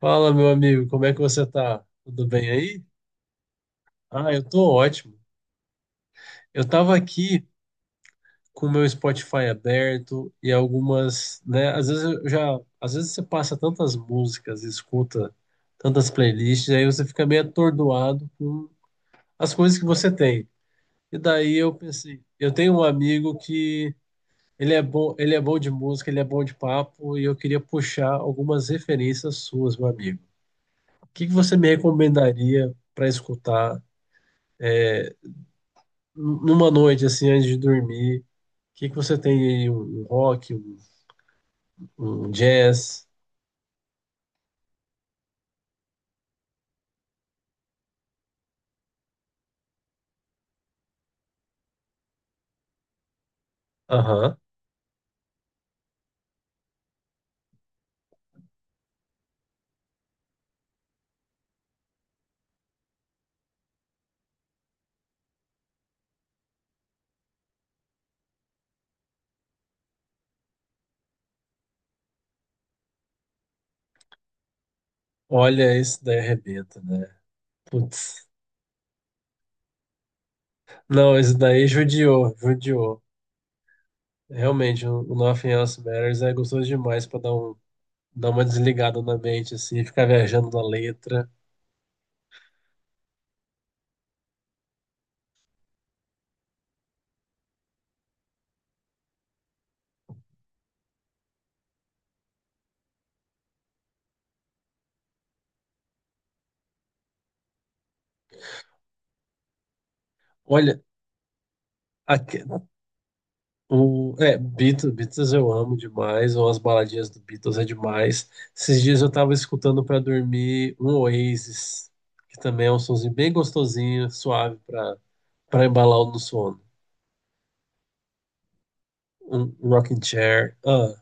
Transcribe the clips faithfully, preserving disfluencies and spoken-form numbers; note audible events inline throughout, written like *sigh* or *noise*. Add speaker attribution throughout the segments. Speaker 1: Fala, meu amigo, como é que você tá? Tudo bem aí? Ah, eu tô ótimo. Eu tava aqui com o meu Spotify aberto e algumas, né, às vezes eu já, às vezes você passa tantas músicas e escuta tantas playlists, aí você fica meio atordoado com as coisas que você tem. E daí eu pensei, eu tenho um amigo que ele é bom, ele é bom de música, ele é bom de papo e eu queria puxar algumas referências suas, meu amigo. O que que você me recomendaria para escutar numa noite assim antes de dormir? O que que você tem aí? Um, um rock, um, um jazz? Aham. Olha, esse daí arrebenta, né? Putz. Não, esse daí judiou, judiou. Realmente, o o Nothing Else Matters é gostoso demais pra dar um, dar uma desligada na mente assim, ficar viajando na letra. Olha, aque- o, é, Beatles, Beatles eu amo demais, ou as baladinhas do Beatles é demais. Esses dias eu tava escutando pra dormir um Oasis, que também é um sonzinho bem gostosinho, suave pra, pra embalar o no sono. Um rocking chair. Ah,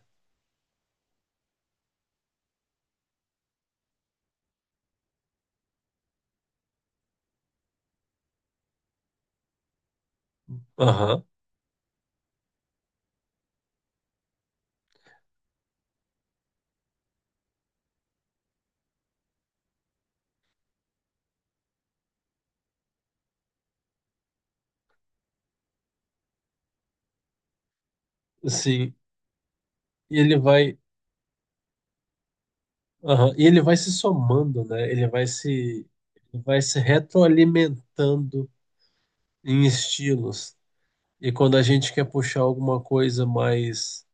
Speaker 1: aham, sim. E ele vai, aham, e ele vai se somando, né? Ele vai se, vai se retroalimentando em estilos. E quando a gente quer puxar alguma coisa mais,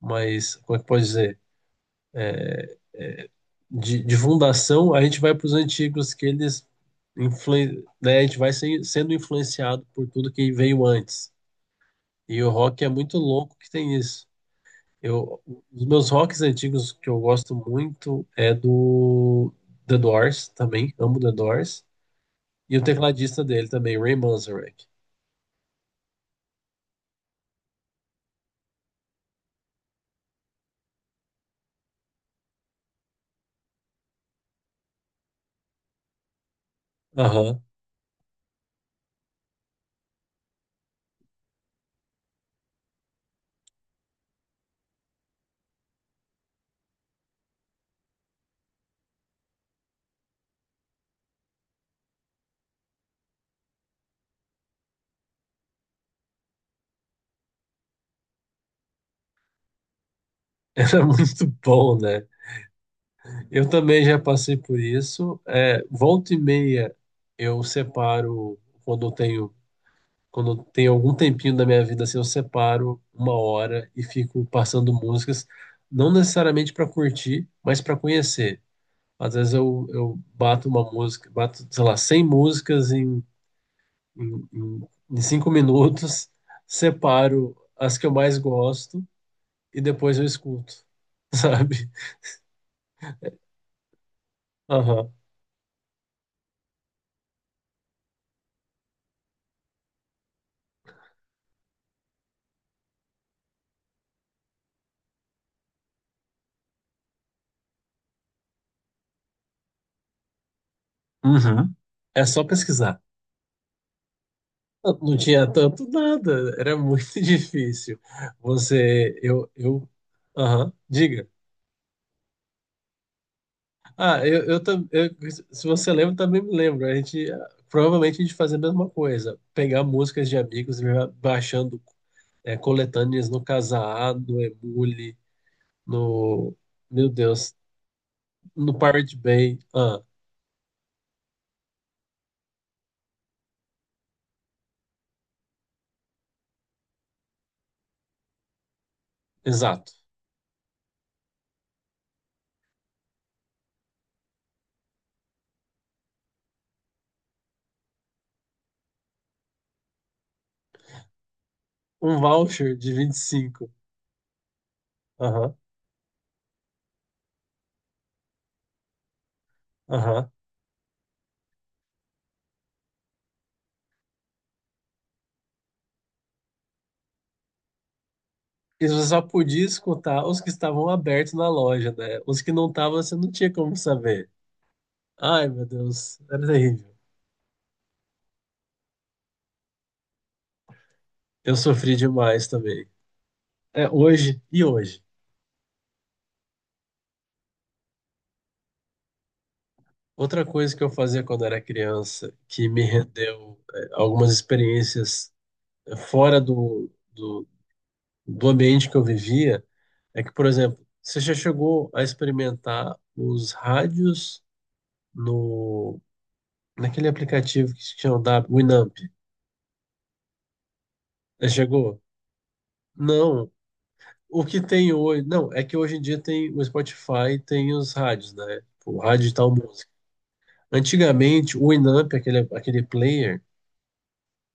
Speaker 1: mais, como é que pode dizer? de, de fundação, a gente vai para os antigos que eles influen- né, a gente vai se- sendo influenciado por tudo que veio antes. E o rock é muito louco que tem isso. Eu, os meus rocks antigos que eu gosto muito é do The Doors também, amo The Doors. E o tecladista dele também, Ray Manzarek. Aham. *laughs* Era muito bom, né? Eu também já passei por isso. É, volta e meia eu separo quando eu tenho. Quando tem algum tempinho da minha vida, assim, eu separo uma hora e fico passando músicas, não necessariamente para curtir, mas para conhecer. Às vezes eu, eu bato uma música, bato, sei lá, cem músicas em, em, em em cinco minutos, *laughs* separo as que eu mais gosto e depois eu escuto, *laughs* sabe? Aham. Uhum. É só pesquisar. Não, não tinha tanto nada, era muito *laughs* difícil. Você, eu, eu, aham, diga. Ah, eu, eu, tam- eu- se você lembra, também me lembro. A gente, ah, provavelmente a gente fazia a mesma coisa, pegar músicas de amigos e ir baixando, é, coletâneas no Kazaa, no Emule, no, meu Deus, no Pirate Bay. Ah, exato. Um voucher de vinte e cinco. Aham, aham. E você só podia escutar os que estavam abertos na loja, né? Os que não estavam, você não tinha como saber. Ai, meu Deus, era terrível. Eu sofri demais também. É hoje e hoje. Outra coisa que eu fazia quando era criança, que me rendeu, eh, algumas experiências, eh, fora do, do, do ambiente que eu vivia, é que, por exemplo, você já chegou a experimentar os rádios no, naquele aplicativo que se chama da Winamp? Já chegou? Não. O que tem hoje? Não, é que hoje em dia tem o Spotify, tem os rádios, né? Tipo, o rádio de tal música. Antigamente, o Winamp, aquele, aquele player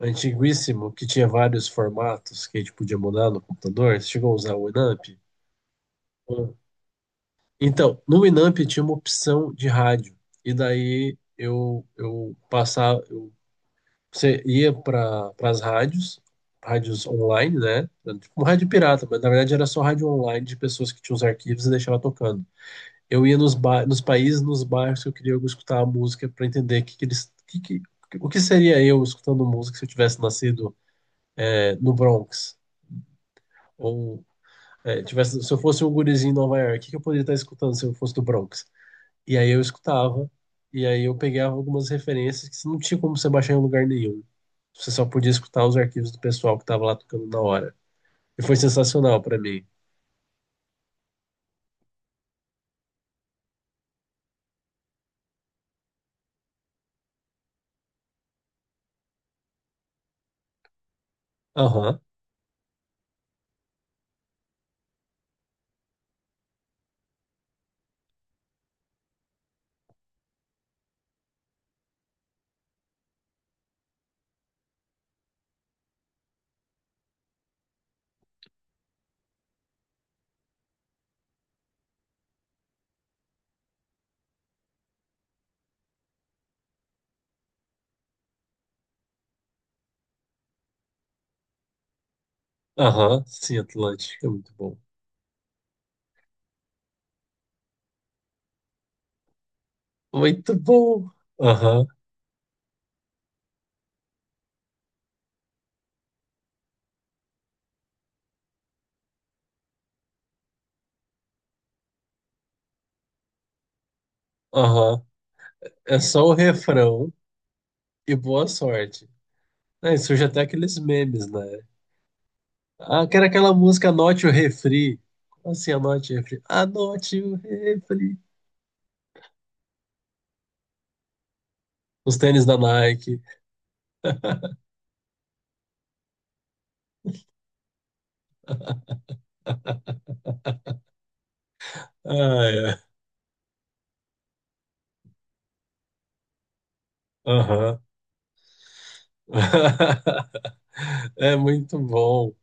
Speaker 1: antiguíssimo, que tinha vários formatos que a gente podia mudar no computador. Você chegou a usar o Winamp? Então, no Winamp tinha uma opção de rádio. E daí eu, eu passava, eu, você ia para as rádios, rádios online, né? Tipo um rádio pirata, mas na verdade era só rádio online de pessoas que tinham os arquivos e deixava tocando. Eu ia nos, ba nos países, nos bairros que eu queria escutar a música para entender que que eles, que, que, o que seria eu escutando música se eu tivesse nascido, é, no Bronx ou, é, tivesse, se eu fosse um gurizinho em Nova York, o que que eu poderia estar escutando se eu fosse do Bronx? E aí eu escutava, e aí eu pegava algumas referências que não tinha como você baixar em lugar nenhum. Você só podia escutar os arquivos do pessoal que estava lá tocando na hora. E foi sensacional para mim. Aham, aham, sim, Atlântica, muito bom. Muito bom! Aham, aham. É só o refrão e boa sorte. É, surge até aqueles memes, né? Ah, que era aquela música Anote o Refri. Como assim, Anote o Refri? Anote o Refri. Os tênis da Nike. *laughs* Ah, é. Aham. *laughs* É muito bom.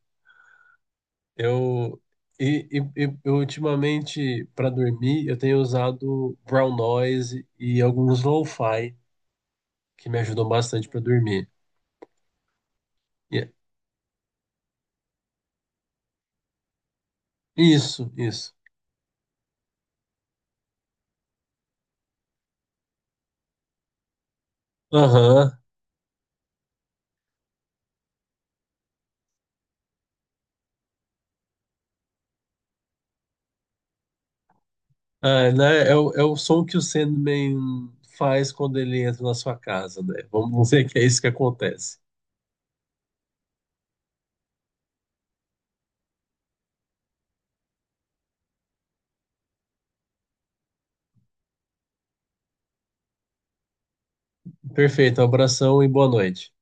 Speaker 1: Eu, e, e- e- eu ultimamente, para dormir, eu tenho usado brown noise e alguns lo-fi, que me ajudam bastante para dormir. E- é, Isso, isso. Aham. Ah, né? É o, é o som que o Sandman faz quando ele entra na sua casa, né? Vamos dizer que é isso que acontece. Perfeito, abração e boa noite.